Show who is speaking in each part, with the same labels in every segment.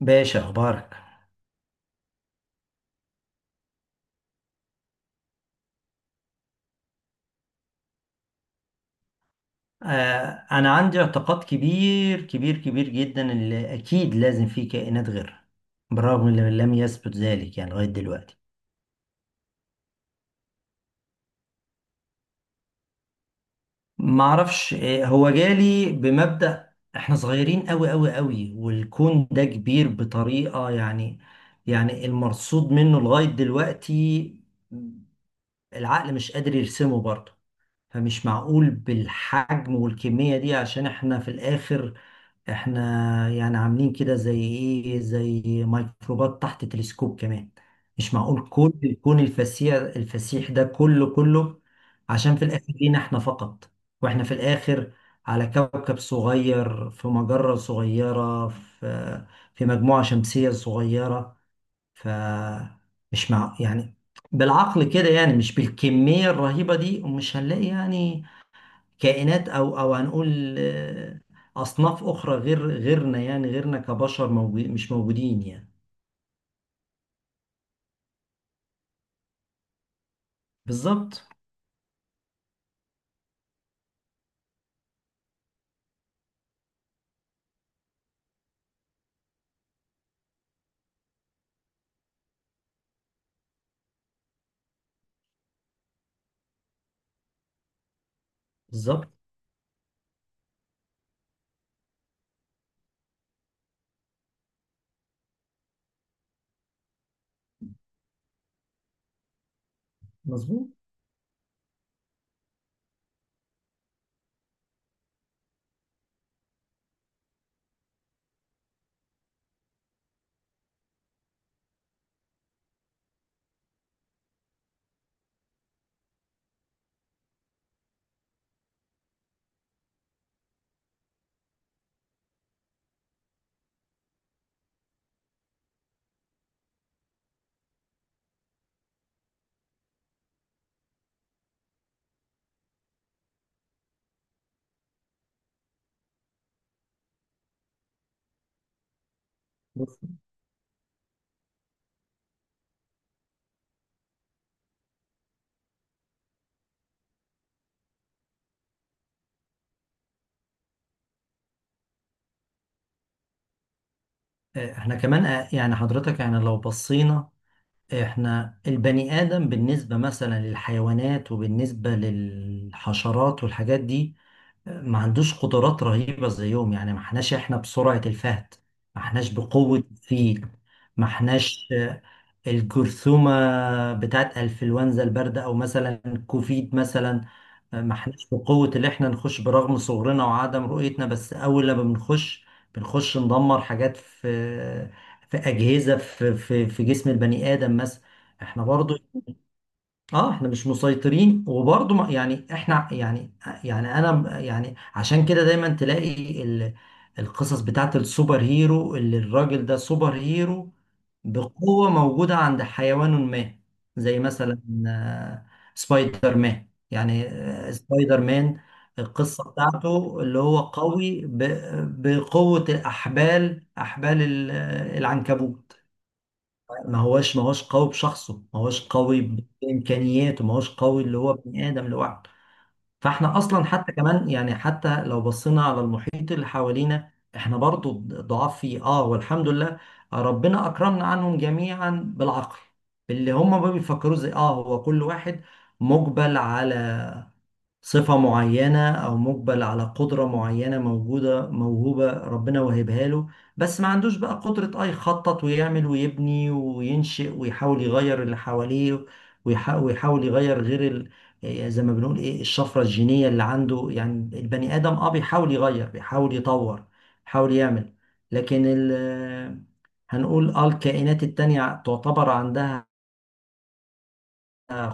Speaker 1: باشا، اخبارك؟ انا عندي اعتقاد كبير كبير كبير جدا اللي اكيد لازم فيه كائنات غيرها، بالرغم من لم يثبت ذلك يعني لغايه دلوقتي. ما اعرفش. هو جالي بمبدأ احنا صغيرين قوي قوي قوي، والكون ده كبير بطريقه، يعني المرصود منه لغايه دلوقتي العقل مش قادر يرسمه برضه. فمش معقول بالحجم والكمية دي عشان احنا في الآخر احنا يعني عاملين كده زي ايه، زي ميكروبات تحت تلسكوب كمان. مش معقول كل الكون الفسيح الفسيح ده كله كله عشان في الآخر لينا احنا فقط، واحنا في الآخر على كوكب صغير في مجرة صغيرة في مجموعة شمسية صغيرة. ف، مش مع، يعني بالعقل كده، يعني مش بالكمية الرهيبة دي، ومش هنلاقي يعني كائنات، أو هنقول أصناف أخرى غير غيرنا، يعني غيرنا كبشر موجود، مش موجودين يعني. بالظبط. بالظبط. مظبوط. بص، احنا كمان يعني حضرتك، يعني لو بصينا احنا البني آدم بالنسبة مثلا للحيوانات وبالنسبة للحشرات والحاجات دي، ما عندوش قدرات رهيبة زيهم. يعني ما احناش بسرعة الفهد، ما احناش بقوة الفيل، ما احناش، الجرثومة بتاعت انفلونزا الباردة او مثلا كوفيد مثلا. ما احناش بقوة اللي احنا نخش برغم صغرنا وعدم رؤيتنا، بس اول لما بنخش ندمر حاجات في أجهزة في جسم البني آدم مثلا. احنا برضو، اه احنا مش مسيطرين. وبرضه يعني احنا، يعني انا، يعني عشان كده دايما تلاقي القصص بتاعت السوبر هيرو، اللي الراجل ده سوبر هيرو بقوة موجودة عند حيوان ما، زي مثلا آه، سبايدر مان. يعني سبايدر مان، القصة بتاعته اللي هو قوي بقوة الأحبال، أحبال العنكبوت. ما هوش قوي بشخصه، ما هوش قوي بامكانياته، ما هوش قوي اللي هو ابن ادم لوحده. فاحنا اصلا حتى كمان، يعني حتى لو بصينا على المحيط اللي حوالينا احنا برضو ضعاف فيه. اه، والحمد لله ربنا اكرمنا عنهم جميعا بالعقل، اللي هم ما بيفكروا زي اه. هو كل واحد مقبل على صفة معينة أو مقبل على قدرة معينة موجودة موهوبة ربنا وهبها له، بس ما عندوش بقى قدرة أي يخطط ويعمل ويبني وينشئ ويحاول يغير اللي حواليه، ويحاول يغير غير ال... يعني زي ما بنقول إيه الشفرة الجينية اللي عنده. يعني البني آدم أه بيحاول يغير، بيحاول يطور، بيحاول يعمل. لكن ال... هنقول آه الكائنات التانية تعتبر عندها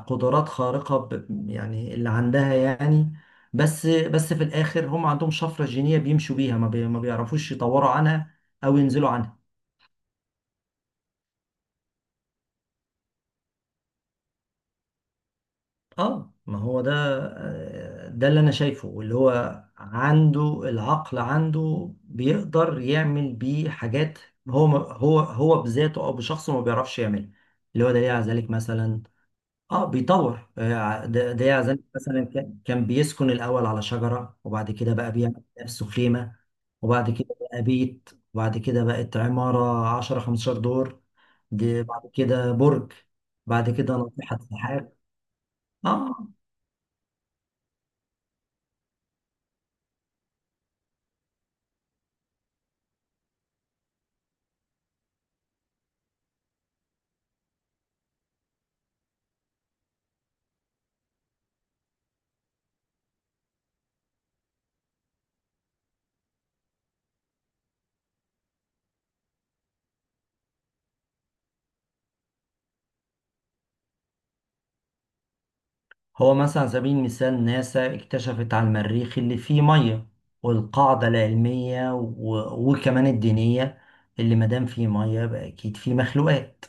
Speaker 1: قدرات خارقة، يعني اللي عندها يعني. بس في الآخر هم عندهم شفرة جينية بيمشوا بيها، ما بيعرفوش يطوروا عنها أو ينزلوا عنها. اه، ما هو ده. ده اللي أنا شايفه، اللي هو عنده العقل، عنده بيقدر يعمل بيه حاجات. هو هو بذاته أو بشخصه ما بيعرفش يعملها. اللي هو دليل على ذلك مثلا، اه بيطور. ده يعني مثلا كان بيسكن الاول على شجره، وبعد كده بقى بيعمل نفسه خيمه، وبعد كده بقى بيت، وبعد كده بقت عماره 10 15 دور، دي بعد كده برج، بعد كده ناطحه سحاب. اه، هو مثلا على سبيل المثال ناسا اكتشفت على المريخ اللي فيه ميه، والقاعده العلميه و... وكمان الدينيه، اللي ما دام فيه ميه يبقى اكيد فيه مخلوقات،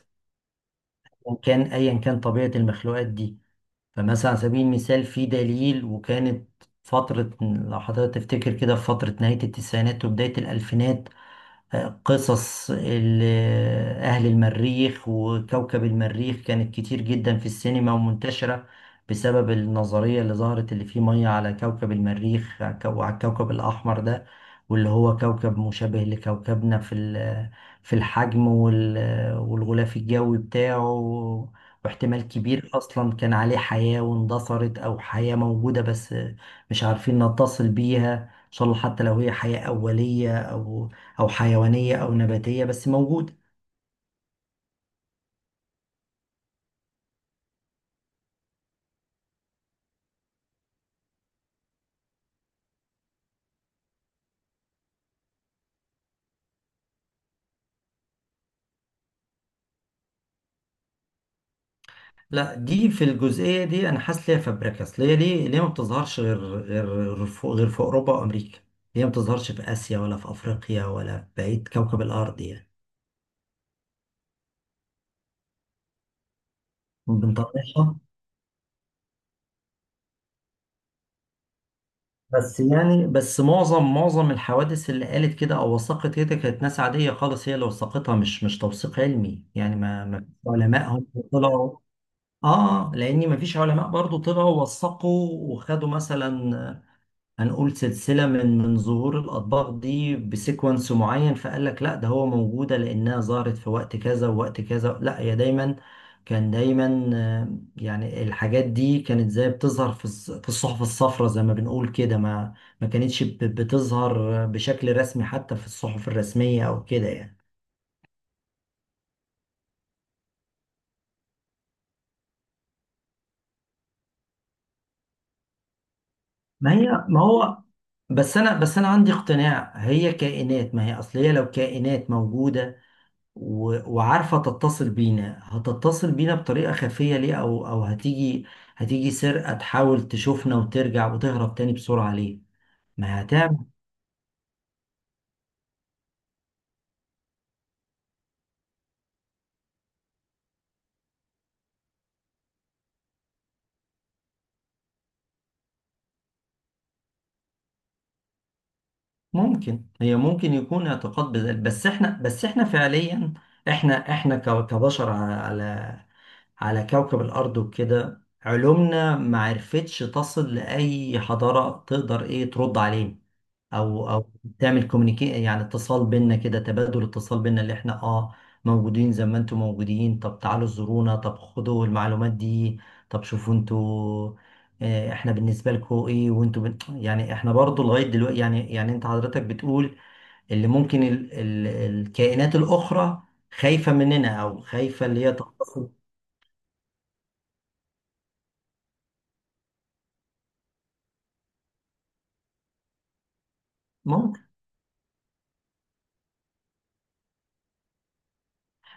Speaker 1: وكان ايا كان طبيعه المخلوقات دي. فمثلا على سبيل المثال في دليل. وكانت فترة، لو حضرتك تفتكر كده، في فترة نهاية التسعينات وبداية الألفينات قصص أهل المريخ وكوكب المريخ كانت كتير جدا في السينما ومنتشرة، بسبب النظرية اللي ظهرت اللي فيه مية على كوكب المريخ وعلى الكوكب الأحمر ده، واللي هو كوكب مشابه لكوكبنا في في الحجم والغلاف الجوي بتاعه، واحتمال كبير أصلا كان عليه حياة واندثرت أو حياة موجودة بس مش عارفين نتصل بيها، إن شاء الله، حتى لو هي حياة أولية أو او حيوانيه او نباتيه، بس موجوده. لا، دي في الجزئيه دي انا حاسس ليها فابريكاس. ليه ليه ليه ما بتظهرش غير غير في اوروبا وامريكا؟ ليه ما بتظهرش في اسيا، ولا في افريقيا، ولا في بقيه كوكب الارض يعني؟ بنطلعها. بس يعني، معظم الحوادث اللي قالت كده او وثقت كده كانت ناس عاديه خالص هي اللي وثقتها، مش توثيق علمي. يعني ما فيش علماء هم طلعوا. اه، لان ما فيش علماء برضو طلعوا وثقوا وخدوا مثلا، هنقول سلسلة من ظهور الأطباق دي بسيكونس معين، فقال لك لا ده هو موجودة لأنها ظهرت في وقت كذا ووقت كذا. لا، هي دايما، كان دايما يعني الحاجات دي كانت زي بتظهر في في الصحف الصفراء زي ما بنقول كده، ما ما كانتش بتظهر بشكل رسمي حتى في الصحف الرسمية أو كده يعني. ما هي، ما هو، بس أنا، عندي اقتناع هي كائنات. ما هي أصل هي لو كائنات موجودة وعارفة تتصل بينا، هتتصل بينا بطريقة خفية ليه؟ أو هتيجي، سرقة تحاول تشوفنا وترجع وتهرب تاني بسرعة ليه؟ ما هتعمل. ممكن، هي ممكن يكون اعتقاد بذلك. بس احنا، فعليا احنا كبشر على على على كوكب الأرض وكده، علومنا ما عرفتش تصل لأي حضارة تقدر ايه ترد علينا، او تعمل كوميونيكي، يعني اتصال بينا كده، تبادل اتصال بينا اللي احنا اه موجودين زي ما انتم موجودين، طب تعالوا زورونا، طب خدوا المعلومات دي، طب شوفوا انتوا، احنا بالنسبه لكم ايه، وانتوا بن... يعني احنا برضو لغايه دلوقتي، يعني انت حضرتك بتقول اللي ممكن ال... ال... الكائنات الاخرى خايفه مننا، او خايفه اللي هي تقتصد. ممكن.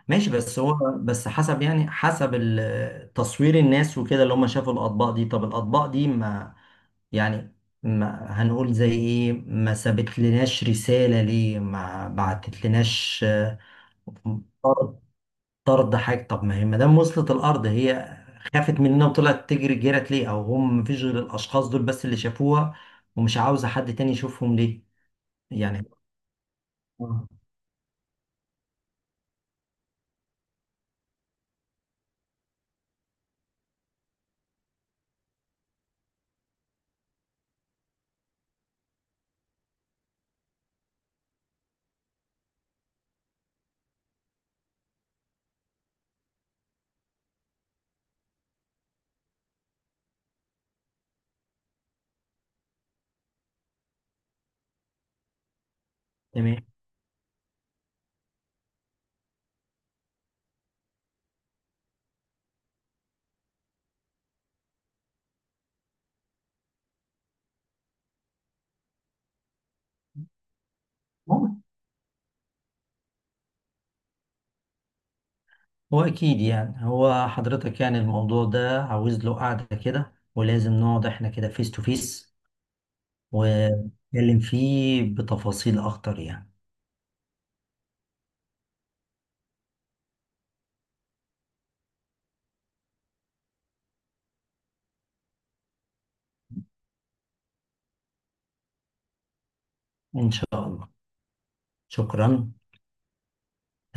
Speaker 1: ماشي. بس هو، بس حسب، يعني تصوير الناس وكده، اللي هم شافوا الاطباق دي، طب الاطباق دي ما يعني، ما هنقول زي ايه، ما سابت لناش رسالة ليه؟ ما بعتت لناش طرد، طرد حاجة؟ طب ما هي ما دام وصلت الأرض، هي خافت مننا وطلعت تجري، جرت ليه؟ أو هم مفيش غير الأشخاص دول بس اللي شافوها، ومش عاوزة حد تاني يشوفهم ليه؟ يعني آه، تمام. ممكن. هو أكيد يعني، هو حضرتك، يعني الموضوع ده عاوز له قعدة كده، ولازم نقعد احنا كده فيس تو فيس ونتكلم فيه بتفاصيل أكتر يعني. إن شاء الله. شكرا.